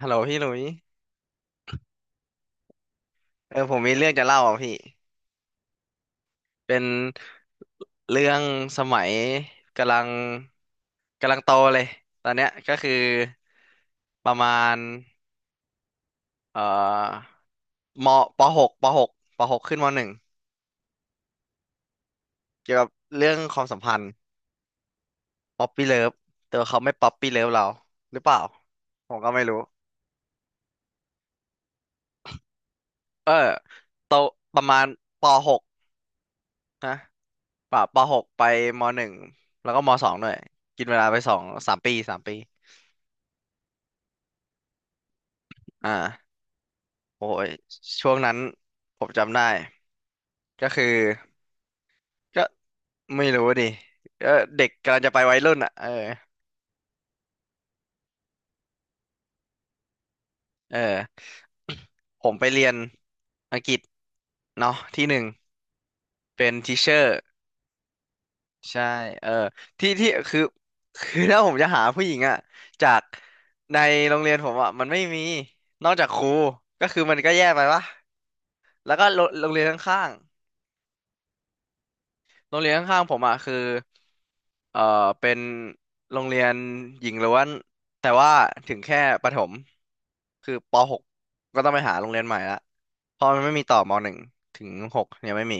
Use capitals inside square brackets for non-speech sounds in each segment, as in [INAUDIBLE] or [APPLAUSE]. ฮัลโหลพี่หลุยผมมีเรื่องจะเล่าอ่ะพี่ เป็นเรื่องสมัยกำลังกำลังโตเลยตอนเนี้ยก็คือประมาณเอ่อมปหกปหกขึ้นมหนึ่งเกี่ยวกับเรื่องความสัมพันธ์ป๊อปปี้เลิฟแต่ว่าเขาไม่ป๊อปปี้เลิฟเราหรือเปล่าผมก็ไม่รู้เออโตประมาณปหกนะปะปหกไปมหนึ่งแล้วก็มสองด้วยกินเวลาไปสองสามปีสามปีอ่า โอ้ยช่วงนั้นผมจำได้ก็คือก็ไม่รู้ดิก็เด็กกำลังจะไปวัยรุ่นอ่ะเออเออ [COUGHS] ผมไปเรียนอังกฤษเนาะที่หนึ่งเป็นทิเชอร์ใช่เออที่คือคือถ้าผมจะหาผู้หญิงอ่ะจากในโรงเรียนผมอ่ะมันไม่มีนอกจากครูก็คือมันก็แย่ไปวะแล้วก็โรงเรียนข้างๆ โรงเรียนข้างๆผมอ่ะคือเอ่อเป็นโรงเรียนหญิงล้วนแต่ว่าถึงแค่ประถมคือป .6 กก็ต้องไปหาโรงเรียนใหม่ละเพราะมันไม่มีต่อม .1 ถึง .6 ยังไม่มี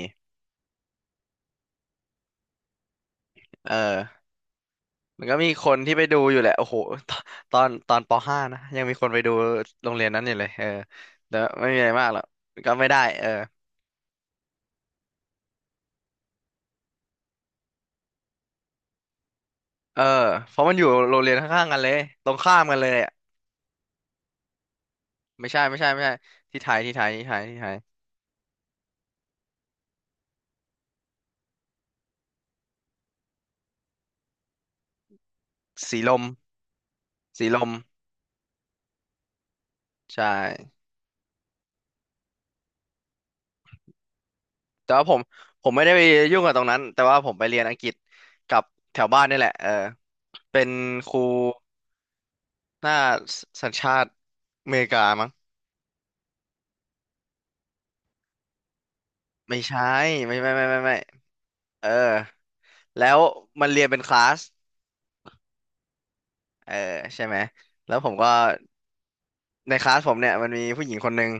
เออมันก็มีคนที่ไปดูอยู่แหละโอ้โหตอนป .5 นะยังมีคนไปดูโรงเรียนนั้นอยู่เลยเออแต่ไม่มีอะไรมากหรอกก็ไม่ได้เออเออเพราะมันอยู่โรงเรียนข้างๆกันเลยตรงข้ามกันเลยอะไม่ใช่ไม่ใช่ไม่ใช่ที่ไทยที่ไทยที่ไทยที่ไทยสีลม สีลมใช่แต่ว่าผมไม่ได้ไปยุ่งกับตรงนั้นแต่ว่าผมไปเรียนอังกฤษกับแถวบ้านนี่แหละเออเป็นครูหน้าสัญชาติอเมริกามั้งไม่ใช่ไม่ไม่ไม่ไม่ไม่เออแล้วมันเรียนเป็นคลาสเออใช่ไหมแล้วผมก็ในคลาสผมเนี่ยมันมีผู้หญิงคนหนึ่ง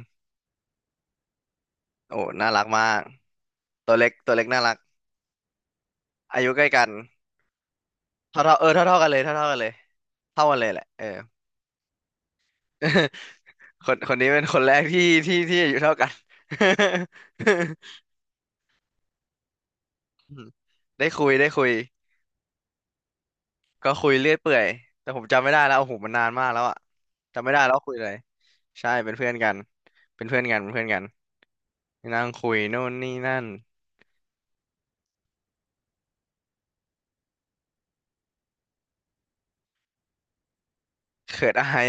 โอ้น่ารักมากตัวเล็กตัวเล็กน่ารักอายุใกล้กันเท่าเออเท่ากันเลยเท่ากันเลยเท่ากันเลยแหละเออ [LAUGHS] คนคนนี้เป็นคนแรกที่ที่อายุเท่ากัน [LAUGHS] อืมได้คุยก็คุยเรื่อยเปื่อยแต่ผมจำไม่ได้แล้วโอ้โหมันนานมากแล้วอะจำไม่ได้แล้วคุยอะไรใช่เป็นเพื่อนกันนั่งคุยโน่นนี่นั่นเขินอาย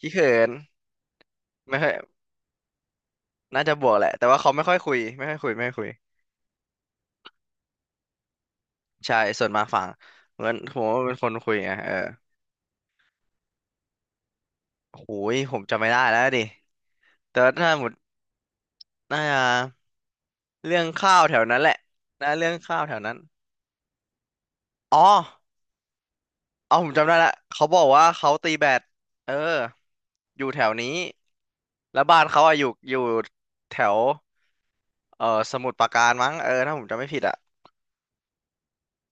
ขี้เขินไม่ค่อยน่าจะบวกแหละแต่ว่าเขาไม่ค่อยคุยใช่ส่วนมาฝั่งเหมือนผมว่าเป็นคนคุยไงเออโอ้ยผมจำไม่ได้แล้วดิแต่ว่าถ้าหมดน่าจะ เรื่องข้าวแถวนั้นแหละนะเรื่องข้าวแถวนั้นอ๋อเอาผมจำได้ละเขาบอกว่าเขาตีแบดเอออยู่แถวนี้แล้วบ้านเขาอะอยู่แถวเออสมุทรปราการมั้งเออถ้าผมจำไม่ผิดอะ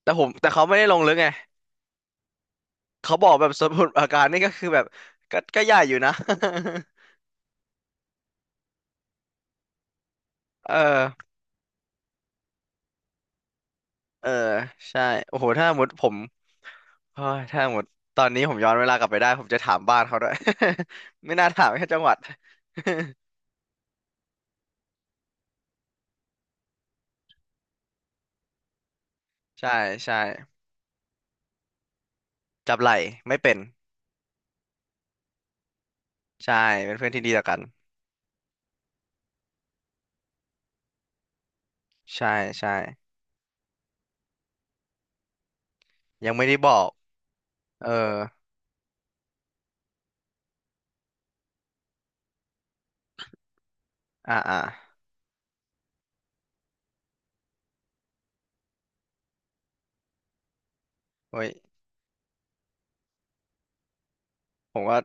แต่ผมแต่เขาไม่ได้ลงลึกไงเขาบอกแบบสมุทรปราการนี่ก็คือแบบก็ใหญ่อยู่นะ [LAUGHS] เออเออใช่โอ้โหถ้าหมดผมเฮ้ยถ้าหมดตอนนี้ผมย้อนเวลากลับไปได้ผมจะถามบ้านเขาด้วย [LAUGHS] ไม่น่าถามแค่จังหวัด [LAUGHS] ใช่ใช่ จับไหล่ไม่เป็นใช่เป็นเพื่อนที่ดีต่อกันใช่ใช่ยังไม่ได้บอกเอออ่าอ่าโอ้ยผมว่า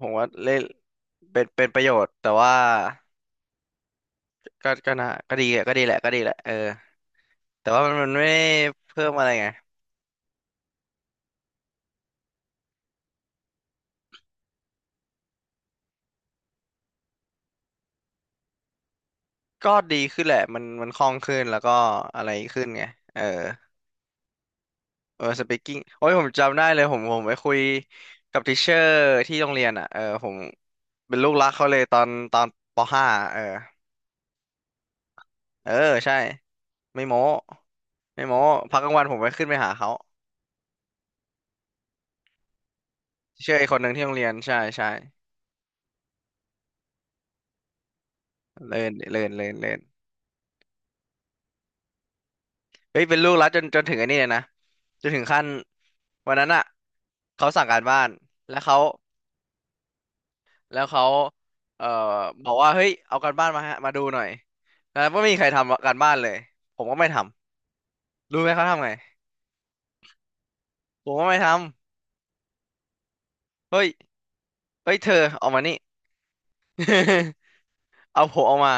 ผมว่าเล่นเป็นประโยชน์แต่ว่าก็นะก็ดีอะก็ดีแหละเออแต่ว่ามันมันไม่ได้เพิ่มอะไรไงก็ดีขึ้นแหละมันมันคล่องขึ้นแล้วก็อะไรขึ้นไงเออเออสปีกิ้งโอ้ยผมจำได้เลยผมไปคุยกับทิเชอร์ที่โรงเรียนอ่ะเออผมเป็นลูกรักเขาเลยตอนปห้าเออเออใช่ ไม่โม้ไม่โม้พักกลางวันผมไปขึ้นไปหาเขาเชื่อไอ้คนหนึ่งที่โรงเรียนใช่ใช่เลินเฮ้ยเป็นลูกรักจนจนถึงไอ้นี่เลยนะจนถึงขั้นวันนั้นอ่ะเขาสั่งการบ้านแล้วเขาแล้วเขาเอ่อบอกว่า เฮ้ยเอาการบ้านมาฮะมาดูหน่อยแล้วก็ไม่มีใครทำการบ้านเลย ผมก็ไม่ทำรู้ไหมเขาทำไงผมก็ไม่ทำเฮ้ยเธอออกมานี่ [LAUGHS] เอาผมออกมา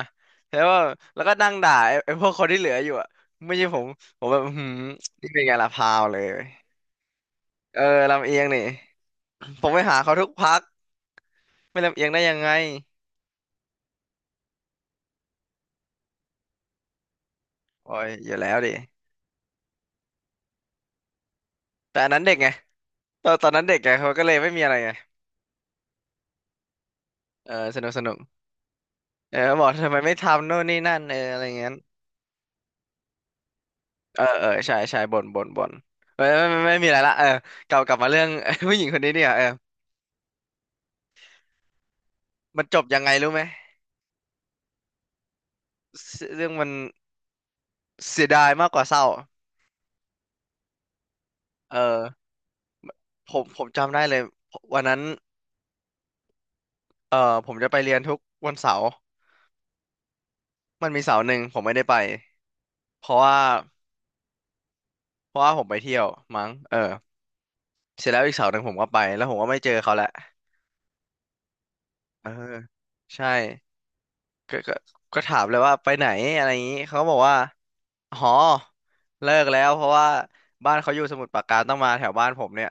แล้วว่าแล้วก็นั่งด่าไอ้พวกคนที่เหลืออยู่อ่ะไม่ใช่ผมผมแบบอื้อหืมนี่เป็นไงล่ะพาวเลยเออลำเอียงนี่ผมไปหาเขาทุกพักไม่ลำเอียงได้ยังไงโอ้ยอยู่แล้วดิแต่อันนั้นเด็กไงตอนนั้นเด็กไงเขาก็เลยไม่มีอะไรไงเออสนุกเออบอกทำไมไม่ทำโน่นนี่นั่นเอออะไรเงี้ยเออเออใช่ใช่บ่นเออไม่ไม่ไม่มีอะไรละเออกลับมาเรื่อง [LAUGHS] ผู้หญิงคนนี้เนี่ยเออมันจบยังไงรู้ไหมเรื่องมันเสียดายมากกว่าเศร้า เออผมจำได้เลยวันนั้นเออผมจะไปเรียนทุกวันเสาร์มันมีเสาร์หนึ่งผมไม่ได้ไปเพราะว่าเพราะว่าผมไปเที่ยวมั้งเออเสร็จแล้วอีกเสาร์หนึ่งผมก็ไปแล้วผมก็ไม่เจอเขาแหละเออใช่ก็ก็ก็ถามเลยว่าไปไหนอะไรอย่างนี้เขาก็บอกว่าหอเลิกแล้วเพราะว่าบ้านเขาอยู่สมุทรปราการต้องมาแถวบ้านผมเนี่ย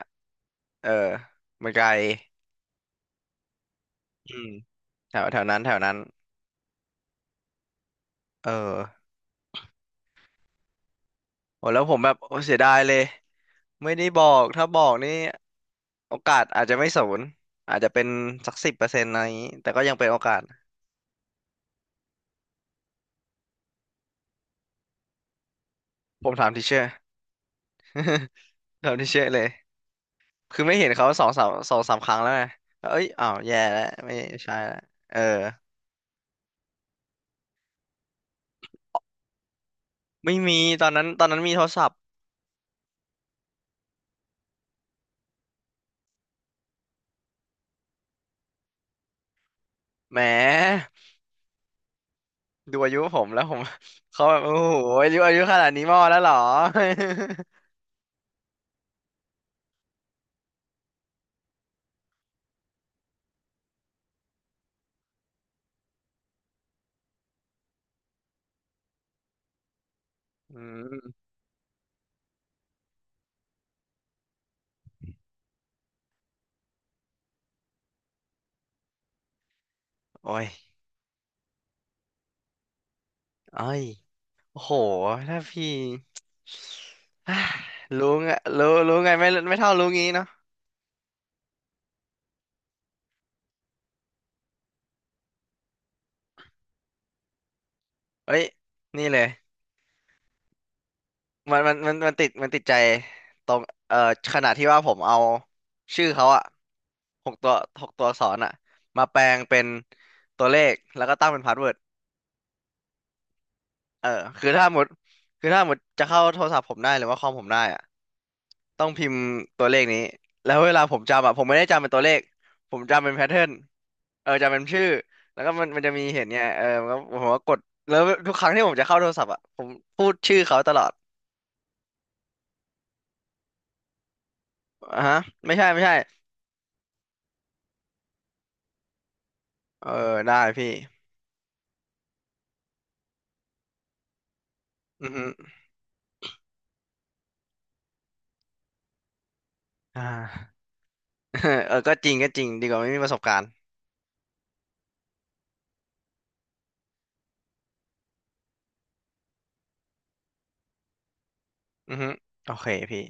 เออมันไกลอืมแถวแถวนั้นแถวนั้นเออโอ้แล้วผมแบบโอ้เสียดายเลย ไม่ได้บอก ถ้าบอกนี่โอกาสอาจจะไม่ศูนย์อาจจะเป็นสัก10%อะไรอย่างนี้แต่ก็ยังเป็นโอกาส ผมถามทีเชอร์ [LAUGHS] ถามทีเชอร์เลย คือไม่เห็นเขาสองสามครั้งแล้วไงเอ้ยอ้าวแย่แล้วไม่ใช่แล้วเออไม่มีตอนนั้น ตอนนั้นมีโทรศัพท์แหมดูอายุผมแล้วผม [LAUGHS] เขาแบบโอ้โหอายุขนาดนี้มอแล้วเหรอ [LAUGHS] อืมโอ้ยเอ้ยโอ้โหถ้าพี่ [SIGHS] รู้ไงรู้ไงไม่เท่ารู้งี้เนาะ เอ้ยนี่เลย มันติดมันติดใจตรงเอ่อขนาดที่ว่าผมเอาชื่อเขาอะหกตัวหกอักษรอะมาแปลงเป็นตัวเลขแล้วก็ตั้งเป็นพาสเวิร์ดเออคือถ้าหมดคือถ้าหมดจะเข้าโทรศัพท์ผมได้หรือว่าคอมผมได้อะต้องพิมพ์ตัวเลขนี้แล้วเวลาผมจำอะผมไม่ได้จำเป็นตัวเลขผมจำเป็นแพทเทิร์นเออจำเป็นชื่อแล้วก็มันมันจะมีเห็นไงเออมันก็ผมก็กดแล้วทุกครั้งที่ผมจะเข้าโทรศัพท์อะผมพูดชื่อเขาตลอดอ่ะฮะไม่ใช่ เออได้พี่อือฮึอ่า [LAUGHS] เออก็จริงก็จริงดีกว่าไม่มีประสบการณ์อือฮึโอเคพี่